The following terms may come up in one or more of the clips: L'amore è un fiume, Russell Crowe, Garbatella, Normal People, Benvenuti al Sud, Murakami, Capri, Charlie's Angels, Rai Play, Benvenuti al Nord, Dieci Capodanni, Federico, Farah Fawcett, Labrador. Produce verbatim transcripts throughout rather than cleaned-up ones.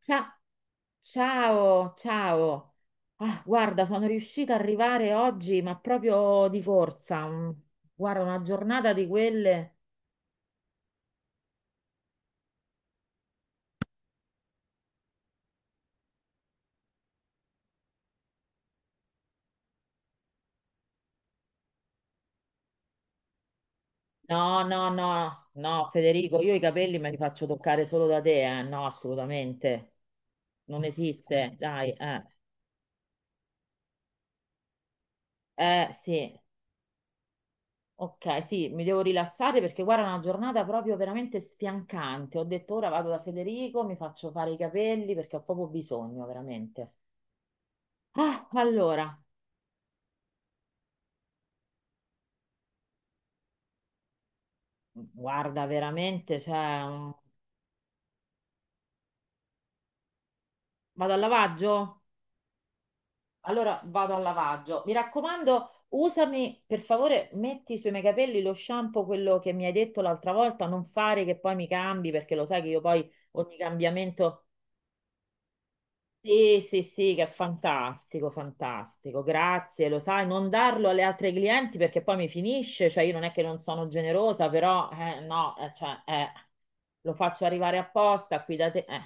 Cia- Ciao, ciao. Ah, guarda, sono riuscita ad arrivare oggi, ma proprio di corsa. Mm, Guarda, una giornata di quelle. No, no, no, no, Federico, io i capelli me li faccio toccare solo da te, eh. No, assolutamente. Non esiste, dai, eh. Eh, sì. Ok, sì, mi devo rilassare perché guarda, è una giornata proprio veramente sfiancante. Ho detto ora vado da Federico, mi faccio fare i capelli perché ho proprio bisogno, veramente. Ah, allora, guarda, veramente, cioè, un- vado al lavaggio? Allora vado al lavaggio. Mi raccomando, usami, per favore, metti sui miei capelli lo shampoo, quello che mi hai detto l'altra volta, non fare che poi mi cambi, perché lo sai che io poi ogni cambiamento... Sì, sì, sì, che è fantastico, fantastico, grazie, lo sai, non darlo alle altre clienti perché poi mi finisce, cioè io non è che non sono generosa, però, eh, no, eh, cioè, eh, lo faccio arrivare apposta qui da te, eh.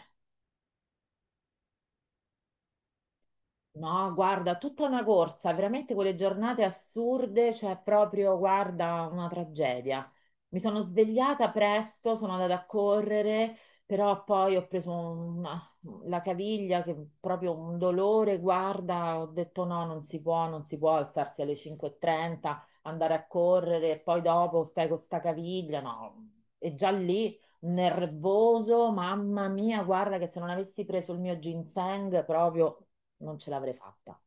No, guarda, tutta una corsa, veramente quelle giornate assurde, cioè proprio, guarda, una tragedia. Mi sono svegliata presto, sono andata a correre, però poi ho preso una- la caviglia che proprio un dolore, guarda, ho detto no, non si può, non si può alzarsi alle cinque e trenta, andare a correre e poi dopo stai con sta caviglia, no. E già lì nervoso, mamma mia, guarda che se non avessi preso il mio ginseng proprio non ce l'avrei fatta.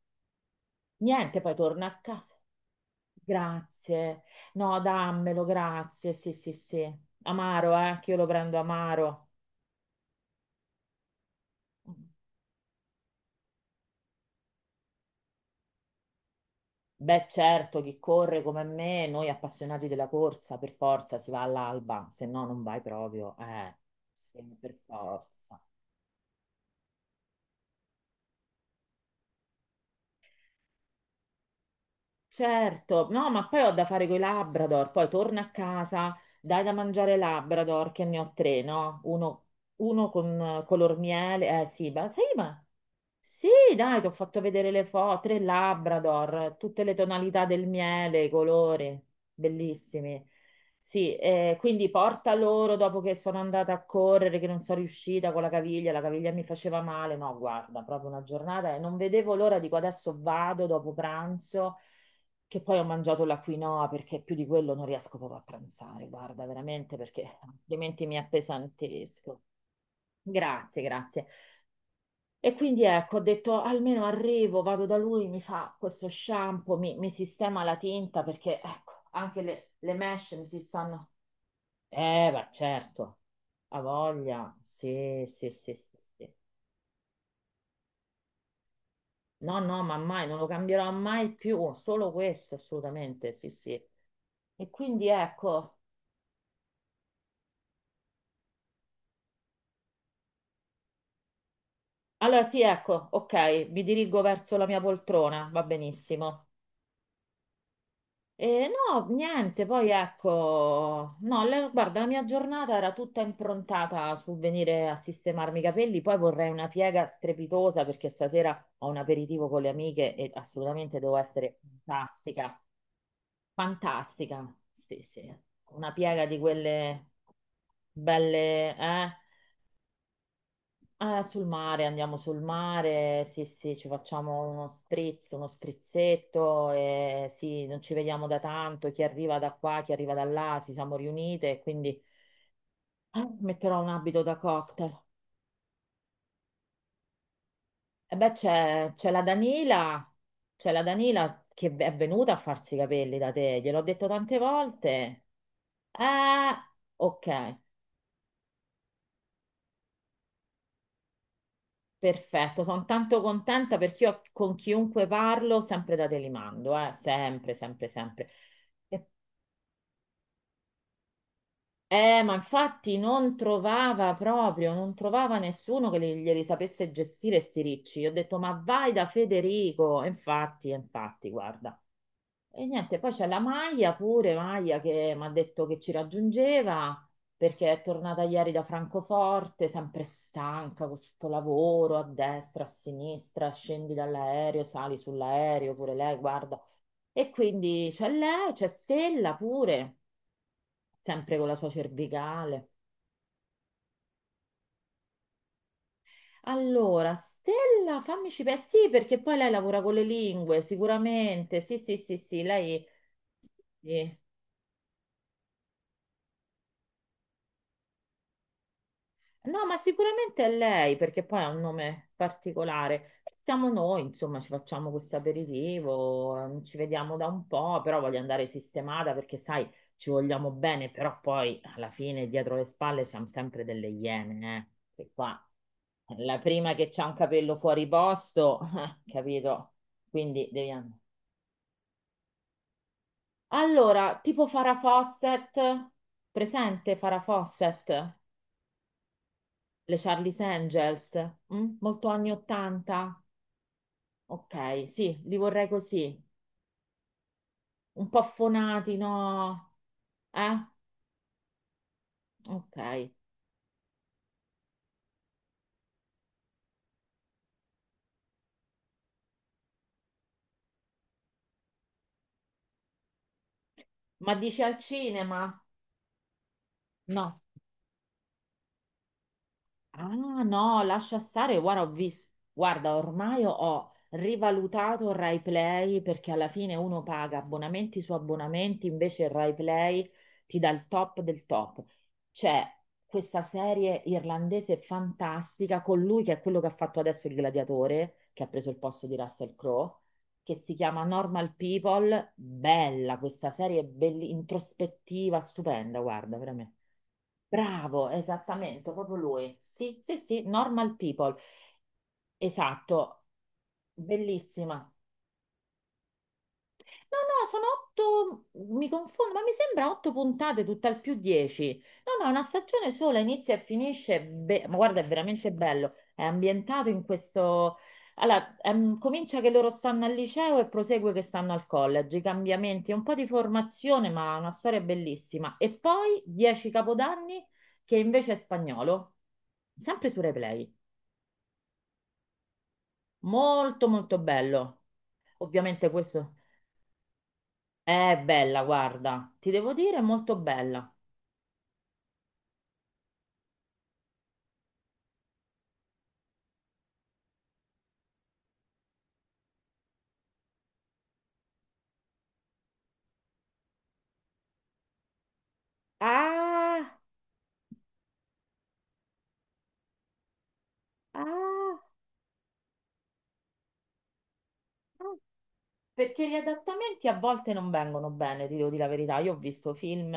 Niente, poi torna a casa. Grazie. No, dammelo, grazie. Sì, sì, sì. Amaro, eh, che io lo prendo amaro. Beh, certo, chi corre come me, noi appassionati della corsa, per forza si va all'alba, se no non vai proprio. Eh, sì, per forza. Certo, no, ma poi ho da fare coi Labrador, poi torno a casa, dai da mangiare ai Labrador, che ne ho tre, no? Uno, uno con eh, color miele, eh sì, ma sai, ma sì, dai, ti ho fatto vedere le foto, tre Labrador, tutte le tonalità del miele, i colori, bellissimi. Sì, eh, quindi porta loro dopo che sono andata a correre, che non sono riuscita con la caviglia, la caviglia mi faceva male, no, guarda, proprio una giornata e non vedevo l'ora, dico adesso vado dopo pranzo che poi ho mangiato la quinoa perché più di quello non riesco proprio a pranzare, guarda, veramente perché altrimenti mi appesantisco. Grazie, grazie. E quindi ecco, ho detto almeno arrivo, vado da lui, mi fa questo shampoo, mi, mi sistema la tinta perché ecco, anche le, le mesh mi si stanno... Eh, ma certo, ha voglia. Sì, sì, sì, sì, sì. No, no, ma mai, non lo cambierò mai più, solo questo assolutamente, sì, sì. E quindi ecco... Allora sì, ecco, ok, mi dirigo verso la mia poltrona, va benissimo. E no, niente, poi ecco, no, la- guarda, la mia giornata era tutta improntata sul venire a sistemarmi i capelli, poi vorrei una piega strepitosa perché stasera ho un aperitivo con le amiche e assolutamente devo essere fantastica, fantastica, sì, sì, una piega di quelle belle, eh? Eh, sul mare, andiamo sul mare, sì, sì, ci facciamo uno spritz, uno sprizzetto, e sì, non ci vediamo da tanto, chi arriva da qua, chi arriva da là, ci siamo riunite, e quindi eh, metterò un abito da cocktail. E beh, c'è c'è la Danila, c'è la Danila che è venuta a farsi i capelli da te, gliel'ho detto tante volte. Eh, ok. Perfetto, sono tanto contenta perché io con chiunque parlo sempre da te li mando, eh, sempre, sempre, sempre. E- Eh, ma infatti non trovava proprio, non trovava nessuno che li- glieli sapesse gestire sti ricci. Io ho detto, ma vai da Federico. E infatti, e infatti, guarda. E niente, poi c'è la Maia pure, Maia che mi ha detto che ci raggiungeva perché è tornata ieri da Francoforte, sempre stanca con questo lavoro a destra, a sinistra, scendi dall'aereo, sali sull'aereo, pure lei, guarda. E quindi c'è lei, c'è Stella pure, sempre con la sua cervicale. Allora, Stella, fammi ci pe- sì, perché poi lei lavora con le lingue, sicuramente, sì, sì, sì, sì, lei... sì. No, ma sicuramente è lei, perché poi ha un nome particolare. Siamo noi, insomma, ci facciamo questo aperitivo, ehm, ci vediamo da un po', però voglio andare sistemata perché, sai, ci vogliamo bene, però poi alla fine dietro le spalle siamo sempre delle iene, eh? Che qua la prima che c'ha un capello fuori posto, capito? Quindi devi andare. Allora, tipo Farah Fawcett, presente Farah Fawcett? Le Charlie's Angels, mm? Molto anni ottanta? Ok, sì, li vorrei così, un po' affonati, no? Eh? Ok. Ma dici al cinema? No. Ah no, lascia stare, guarda, ho visto, guarda, ormai ho rivalutato il Rai Play perché alla fine uno paga abbonamenti su abbonamenti, invece il Rai Play ti dà il top del top. C'è questa serie irlandese fantastica con lui che è quello che ha fatto adesso il gladiatore, che ha preso il posto di Russell Crowe, che si chiama Normal People. Bella questa serie, belli- introspettiva, stupenda, guarda, veramente. Bravo, esattamente, proprio lui. Sì, sì, sì, Normal People. Esatto, bellissima. No, no, sono otto, mi confondo, ma mi sembra otto puntate, tutt'al più dieci. No, no, una stagione sola, inizia e finisce, be- ma guarda, è veramente bello. È ambientato in questo... Allora, ehm, comincia che loro stanno al liceo e prosegue che stanno al college, i cambiamenti, un po' di formazione, ma una storia bellissima. E poi Dieci Capodanni, che invece è spagnolo, sempre su Replay. Molto, molto bello. Ovviamente questo... È bella, guarda, ti devo dire, è molto bella. Ah, ah, ah, perché gli adattamenti a volte non vengono bene, ti devo dire la verità. Io ho visto film,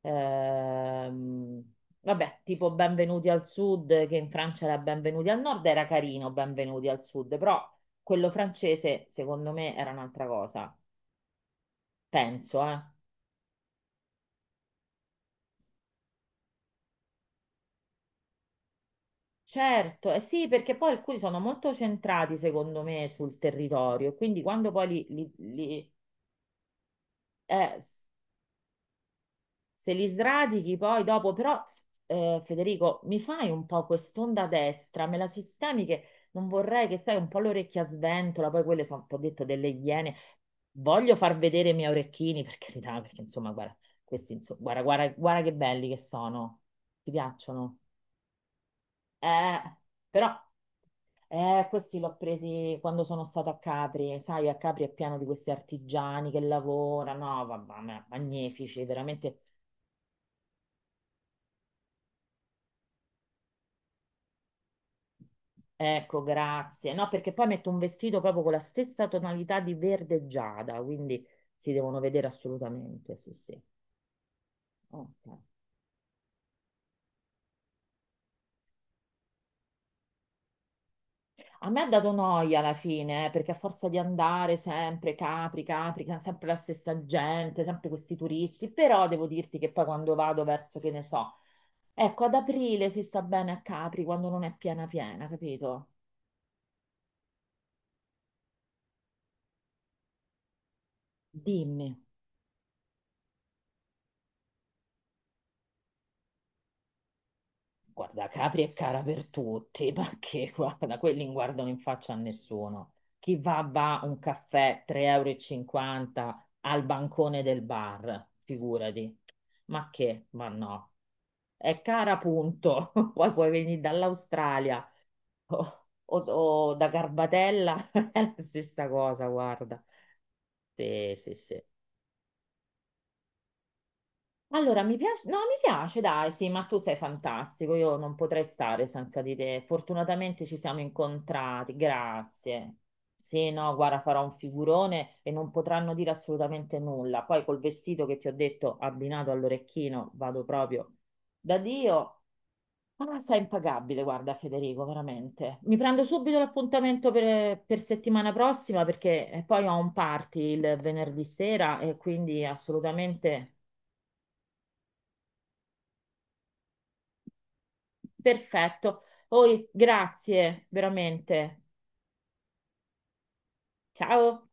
ehm, vabbè, tipo Benvenuti al Sud, che in Francia era Benvenuti al Nord, era carino Benvenuti al Sud, però quello francese, secondo me, era un'altra cosa, penso, eh. Certo, eh sì, perché poi alcuni sono molto centrati, secondo me, sul territorio, quindi quando poi li li- li- eh, s- se li sradichi poi dopo, però eh, Federico, mi fai un po' quest'onda destra, me la sistemi che non vorrei che sai un po' l'orecchia sventola, poi quelle sono, ti ho detto, delle iene. Voglio far vedere i miei orecchini, per carità, perché insomma, guarda, questi, insomma, guarda, guarda, guarda che belli che sono. Ti piacciono? Eh, però eh, questi l'ho presi quando sono stata a Capri, sai, a Capri è pieno di questi artigiani che lavorano, no, vabbè, ma- magnifici, veramente. Ecco, grazie. No, perché poi metto un vestito proprio con la stessa tonalità di verde giada, quindi si devono vedere assolutamente, sì, sì. Ok. A me ha dato noia alla fine, eh, perché a forza di andare sempre Capri, Capri, ca- sempre la stessa gente, sempre questi turisti, però devo dirti che poi quando vado verso, che ne so, ecco, ad aprile si sta bene a Capri quando non è piena piena, capito? Dimmi. Guarda, Capri è cara per tutti, ma che guarda, quelli non guardano in faccia a nessuno. Chi va va un caffè tre e cinquanta euro e cinquanta al bancone del bar, figurati. Ma che? Ma no. È cara, punto. Poi puoi venire dall'Australia o, o- o da Garbatella, è la stessa cosa, guarda. Sì, sì, sì. Allora, mi piace, no, mi piace, dai, sì, ma tu sei fantastico, io non potrei stare senza di te. Fortunatamente ci siamo incontrati, grazie. Sì, no, guarda, farò un figurone e non potranno dire assolutamente nulla. Poi col vestito che ti ho detto, abbinato all'orecchino, vado proprio da Dio. Ah, sei impagabile, guarda, Federico, veramente. Mi prendo subito l'appuntamento per, per settimana prossima perché eh, poi ho un party il venerdì sera e quindi assolutamente... Perfetto. Poi, grazie, veramente. Ciao.